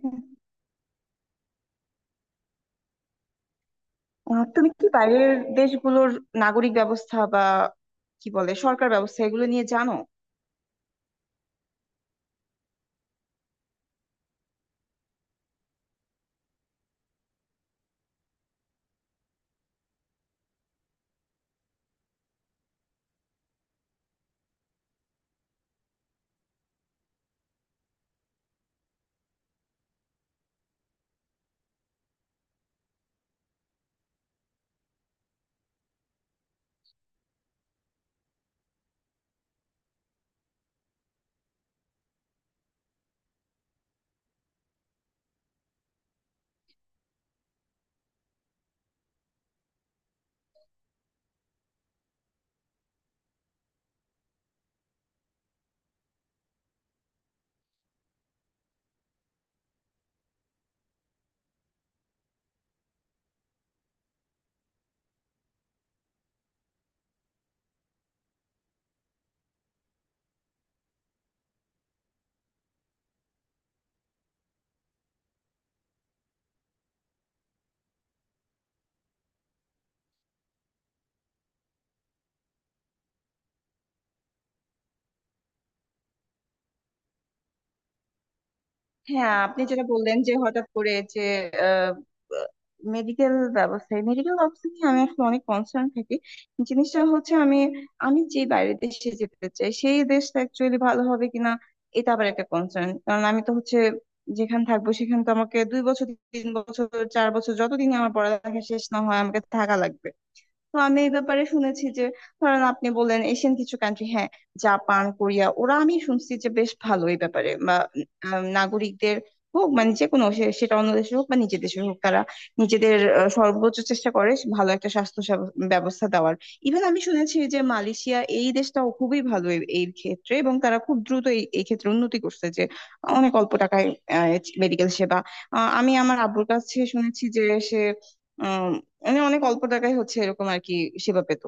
হুম। তুমি কি বাইরের দেশগুলোর নাগরিক ব্যবস্থা বা কি বলে সরকার ব্যবস্থা এগুলো নিয়ে জানো? হ্যাঁ, আপনি যেটা বললেন যে হঠাৎ করে যে মেডিকেল মেডিকেল ব্যবস্থা নিয়ে আমি আসলে অনেক কনসার্ন থাকি। জিনিসটা হচ্ছে আমি আমি যে বাইরের দেশে যেতে চাই সেই দেশটা অ্যাকচুয়ালি ভালো হবে কিনা এটা আবার একটা কনসার্ন। কারণ আমি তো হচ্ছে যেখানে থাকবো সেখানে তো আমাকে 2 বছর, 3 বছর, 4 বছর, যতদিন আমার পড়ালেখা শেষ না হয় আমাকে থাকা লাগবে। তো আমি এই ব্যাপারে শুনেছি যে, ধরেন আপনি বললেন এশিয়ান কিছু কান্ট্রি, হ্যাঁ, জাপান কোরিয়া, ওরা আমি শুনছি যে বেশ ভালো এই ব্যাপারে। বা নাগরিকদের হোক, মানে যে কোনো, সেটা অন্য দেশে হোক বা নিজের দেশে হোক, তারা নিজেদের সর্বোচ্চ চেষ্টা করে ভালো একটা স্বাস্থ্য ব্যবস্থা দেওয়ার। ইভেন আমি শুনেছি যে মালয়েশিয়া, এই দেশটাও খুবই ভালো এই এই ক্ষেত্রে, এবং তারা খুব দ্রুত এই এই ক্ষেত্রে উন্নতি করছে। যে অনেক অল্প টাকায় মেডিকেল সেবা, আমি আমার আব্বুর কাছে শুনেছি যে সে মানে অনেক অল্প টাকায় হচ্ছে এরকম আর কি সেবা পেত।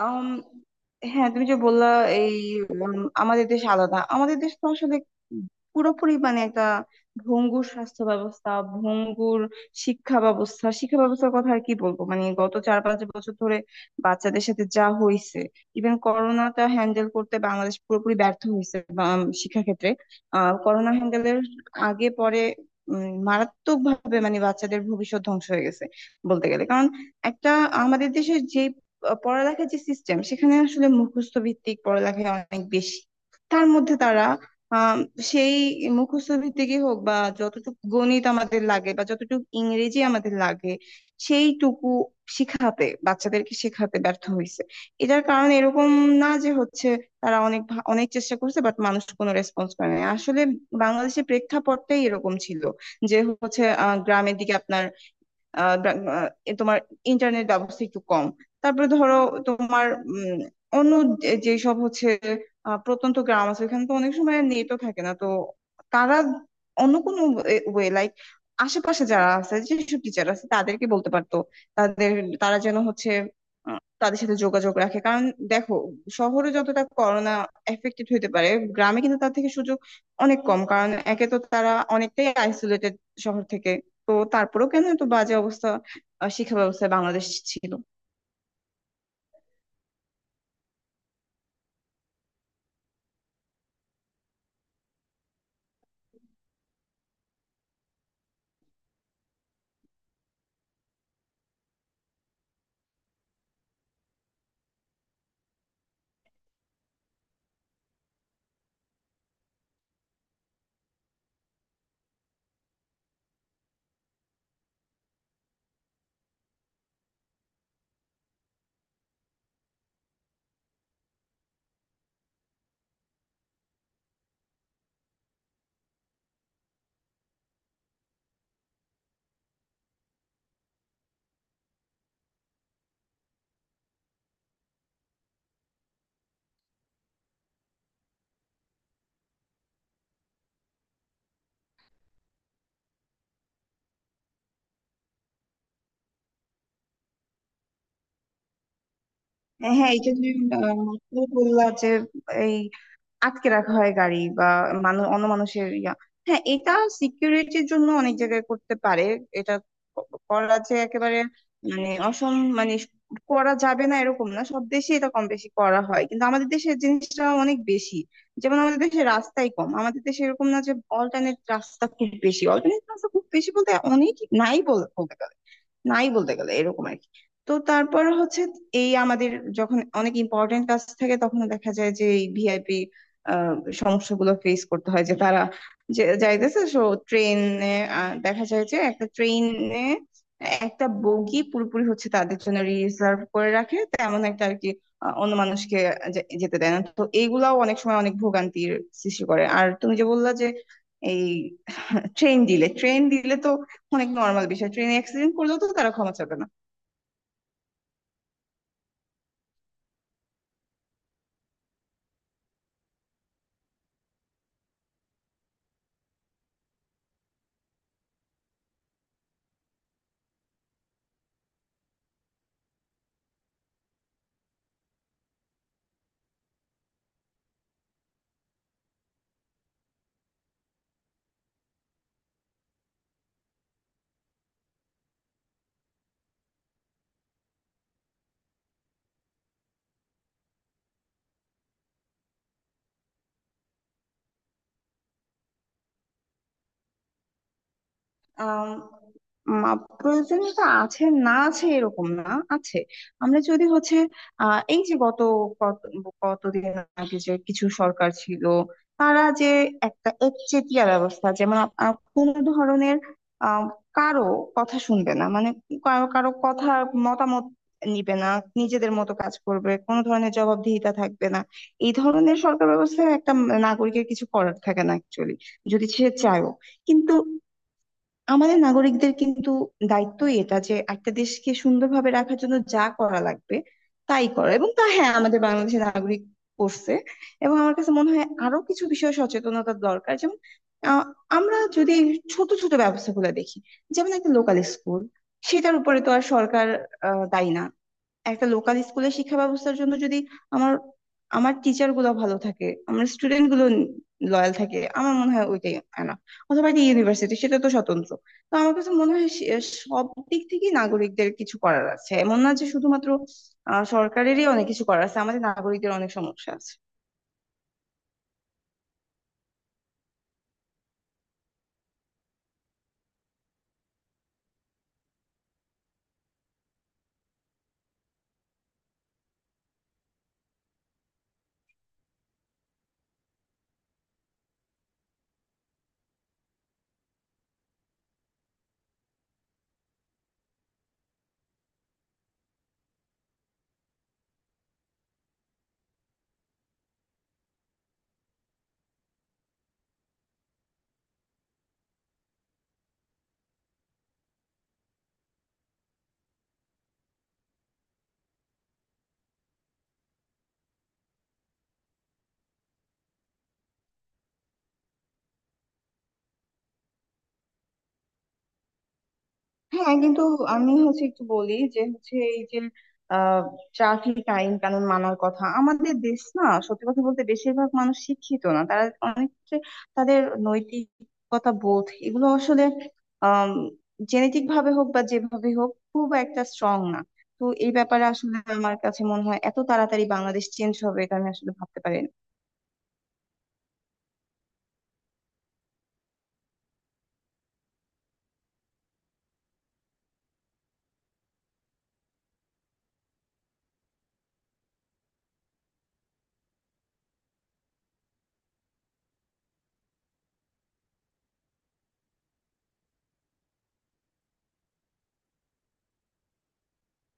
আম, হ্যাঁ, তুমি যে বললা, এই উম, আমাদের দেশ আলাদা, আমাদের দেশ তো আসলে পুরোপুরি মানে একটা ভঙ্গুর স্বাস্থ্য ব্যবস্থা, ভঙ্গুর শিক্ষা ব্যবস্থা। শিক্ষা ব্যবস্থার কথা আর কি বলবো, মানে গত 4-5 বছর ধরে বাচ্চাদের সাথে যা হয়েছে, ইভেন করোনাটা হ্যান্ডেল করতে বাংলাদেশ পুরোপুরি ব্যর্থ হয়েছে শিক্ষা ক্ষেত্রে। করোনা হ্যান্ডেলের আগে পরে মারাত্মক ভাবে মানে বাচ্চাদের ভবিষ্যৎ ধ্বংস হয়ে গেছে বলতে গেলে। কারণ একটা, আমাদের দেশে যে পড়ালেখার যে সিস্টেম, সেখানে আসলে মুখস্থ ভিত্তিক পড়ালেখা অনেক বেশি। তার মধ্যে তারা আহ সেই মুখস্থ ভিত্তিকই হোক বা যতটুকু গণিত আমাদের লাগে বা যতটুকু ইংরেজি আমাদের লাগে, সেইটুকু শিখাতে, বাচ্চাদেরকে শেখাতে ব্যর্থ হয়েছে। এটার কারণ এরকম না যে হচ্ছে তারা অনেক অনেক চেষ্টা করছে, বাট মানুষ কোনো রেসপন্স করে না আসলে। বাংলাদেশের প্রেক্ষাপটটাই এরকম ছিল যে হচ্ছে গ্রামের দিকে আপনার আহ ব্রা- আহ, এ তোমার ইন্টারনেট ব্যবস্থা একটু কম। তারপরে ধরো তোমার উম, অন্য যে সব হচ্ছে প্রত্যন্ত গ্রাম আছে, ওখানে তো অনেক সময় নেটও থাকে না। তো তারা অন্য কোনো ওয়ে লাইক আশেপাশে যারা আছে, যেসব টিচার আছে, তাদেরকে বলতে পারতো, তাদের, তারা যেন হচ্ছে তাদের সাথে যোগাযোগ রাখে। কারণ দেখো, শহরে যতটা করোনা এফেক্টেড হতে পারে, গ্রামে কিন্তু তার থেকে সুযোগ অনেক কম, কারণ একে তো তারা অনেকটাই আইসোলেটেড শহর থেকে। তো তারপরেও কেন এত বাজে অবস্থা শিক্ষা ব্যবস্থায় বাংলাদেশ ছিল। হ্যাঁ এই যে তুমি মাত্র বললা যে এই আটকে রাখা হয় গাড়ি বা মানুষ, অন্য মানুষের ইয়া, হ্যাঁ, এটা সিকিউরিটির জন্য অনেক জায়গায় করতে পারে। এটা করা যে একেবারে মানে অসম মানে করা যাবে না এরকম না, সব দেশে এটা কম বেশি করা হয়, কিন্তু আমাদের দেশে জিনিসটা অনেক বেশি। যেমন আমাদের দেশে রাস্তাই কম, আমাদের দেশে এরকম না যে অল্টারনেট রাস্তা খুব বেশি। অল্টারনেট রাস্তা খুব বেশি বলতে অনেক, বলতে গেলে নাই, বলতে গেলে এরকম আর কি। তো তারপর হচ্ছে এই আমাদের যখন অনেক ইম্পর্টেন্ট কাজ থাকে, তখন দেখা যায় যে এই ভিআইপি আহ সমস্যাগুলো ফেস করতে হয়। যে তারা যে যাইতেছে, সো ট্রেনে, দেখা যায় যে একটা ট্রেনে একটা বগি পুরোপুরি হচ্ছে তাদের জন্য রিজার্ভ করে রাখে তেমন একটা আর কি। অন্য মানুষকে যেতে দেয় না। তো এইগুলাও অনেক সময় অনেক ভোগান্তির সৃষ্টি করে। আর তুমি যে বললা যে এই ট্রেন দিলে তো অনেক নর্মাল বিষয়, ট্রেনে অ্যাক্সিডেন্ট করলেও তো তারা ক্ষমা চাবে না। আম, মা প্রয়োজনীয়তা আছে না আছে এরকম না, আছে। আমরা যদি হচ্ছে এই যে গত কত কতদিন আগে যে কিছু সরকার ছিল, তারা যে একটা একচেটিয়া ব্যবস্থা, যেমন কোনো ধরনের আহ কারো কথা শুনবে না, মানে কারো, কারো কথা, মতামত নিবে না, নিজেদের মতো কাজ করবে, কোনো ধরনের জবাবদিহিতা থাকবে না। এই ধরনের সরকার ব্যবস্থায় একটা নাগরিকের কিছু করার থাকে না অ্যাকচুয়ালি, যদি সে চায়ও। কিন্তু আমাদের নাগরিকদের কিন্তু দায়িত্বই এটা যে একটা দেশকে সুন্দরভাবে রাখার জন্য যা করা লাগবে তাই করা, এবং তা হ্যাঁ আমাদের বাংলাদেশের নাগরিক করছে। এবং আমার কাছে মনে হয় আরো কিছু বিষয়ে সচেতনতা দরকার, যেমন আহ, আমরা যদি এই ছোট ছোট ব্যবস্থাগুলো দেখি, যেমন একটা লোকাল স্কুল, সেটার উপরে তো আর সরকার দায়ী না। একটা লোকাল স্কুলের শিক্ষা ব্যবস্থার জন্য যদি আমার আমার টিচার গুলো ভালো থাকে, আমার স্টুডেন্ট গুলো লয়াল থাকে, আমার মনে হয় ওইটাই এনাফ। অথবা একটা ইউনিভার্সিটি, সেটা তো স্বতন্ত্র। তো আমার কাছে মনে হয় সব দিক থেকেই নাগরিকদের কিছু করার আছে, এমন না যে শুধুমাত্র সরকারেরই অনেক কিছু করার আছে, আমাদের নাগরিকদের অনেক সমস্যা আছে। হ্যাঁ কিন্তু আমি হচ্ছে একটু বলি যে হচ্ছে এই যে ট্রাফিক আইন কানুন মানার কথা, আমাদের দেশ না সত্যি কথা বলতে বেশিরভাগ মানুষ শিক্ষিত না, তারা অনেক ক্ষেত্রে তাদের নৈতিকতা বোধ এগুলো আসলে আহ জেনেটিক ভাবে হোক বা যেভাবে হোক খুব একটা স্ট্রং না। তো এই ব্যাপারে আসলে আমার কাছে মনে হয় এত তাড়াতাড়ি বাংলাদেশ চেঞ্জ হবে এটা আমি আসলে ভাবতে পারি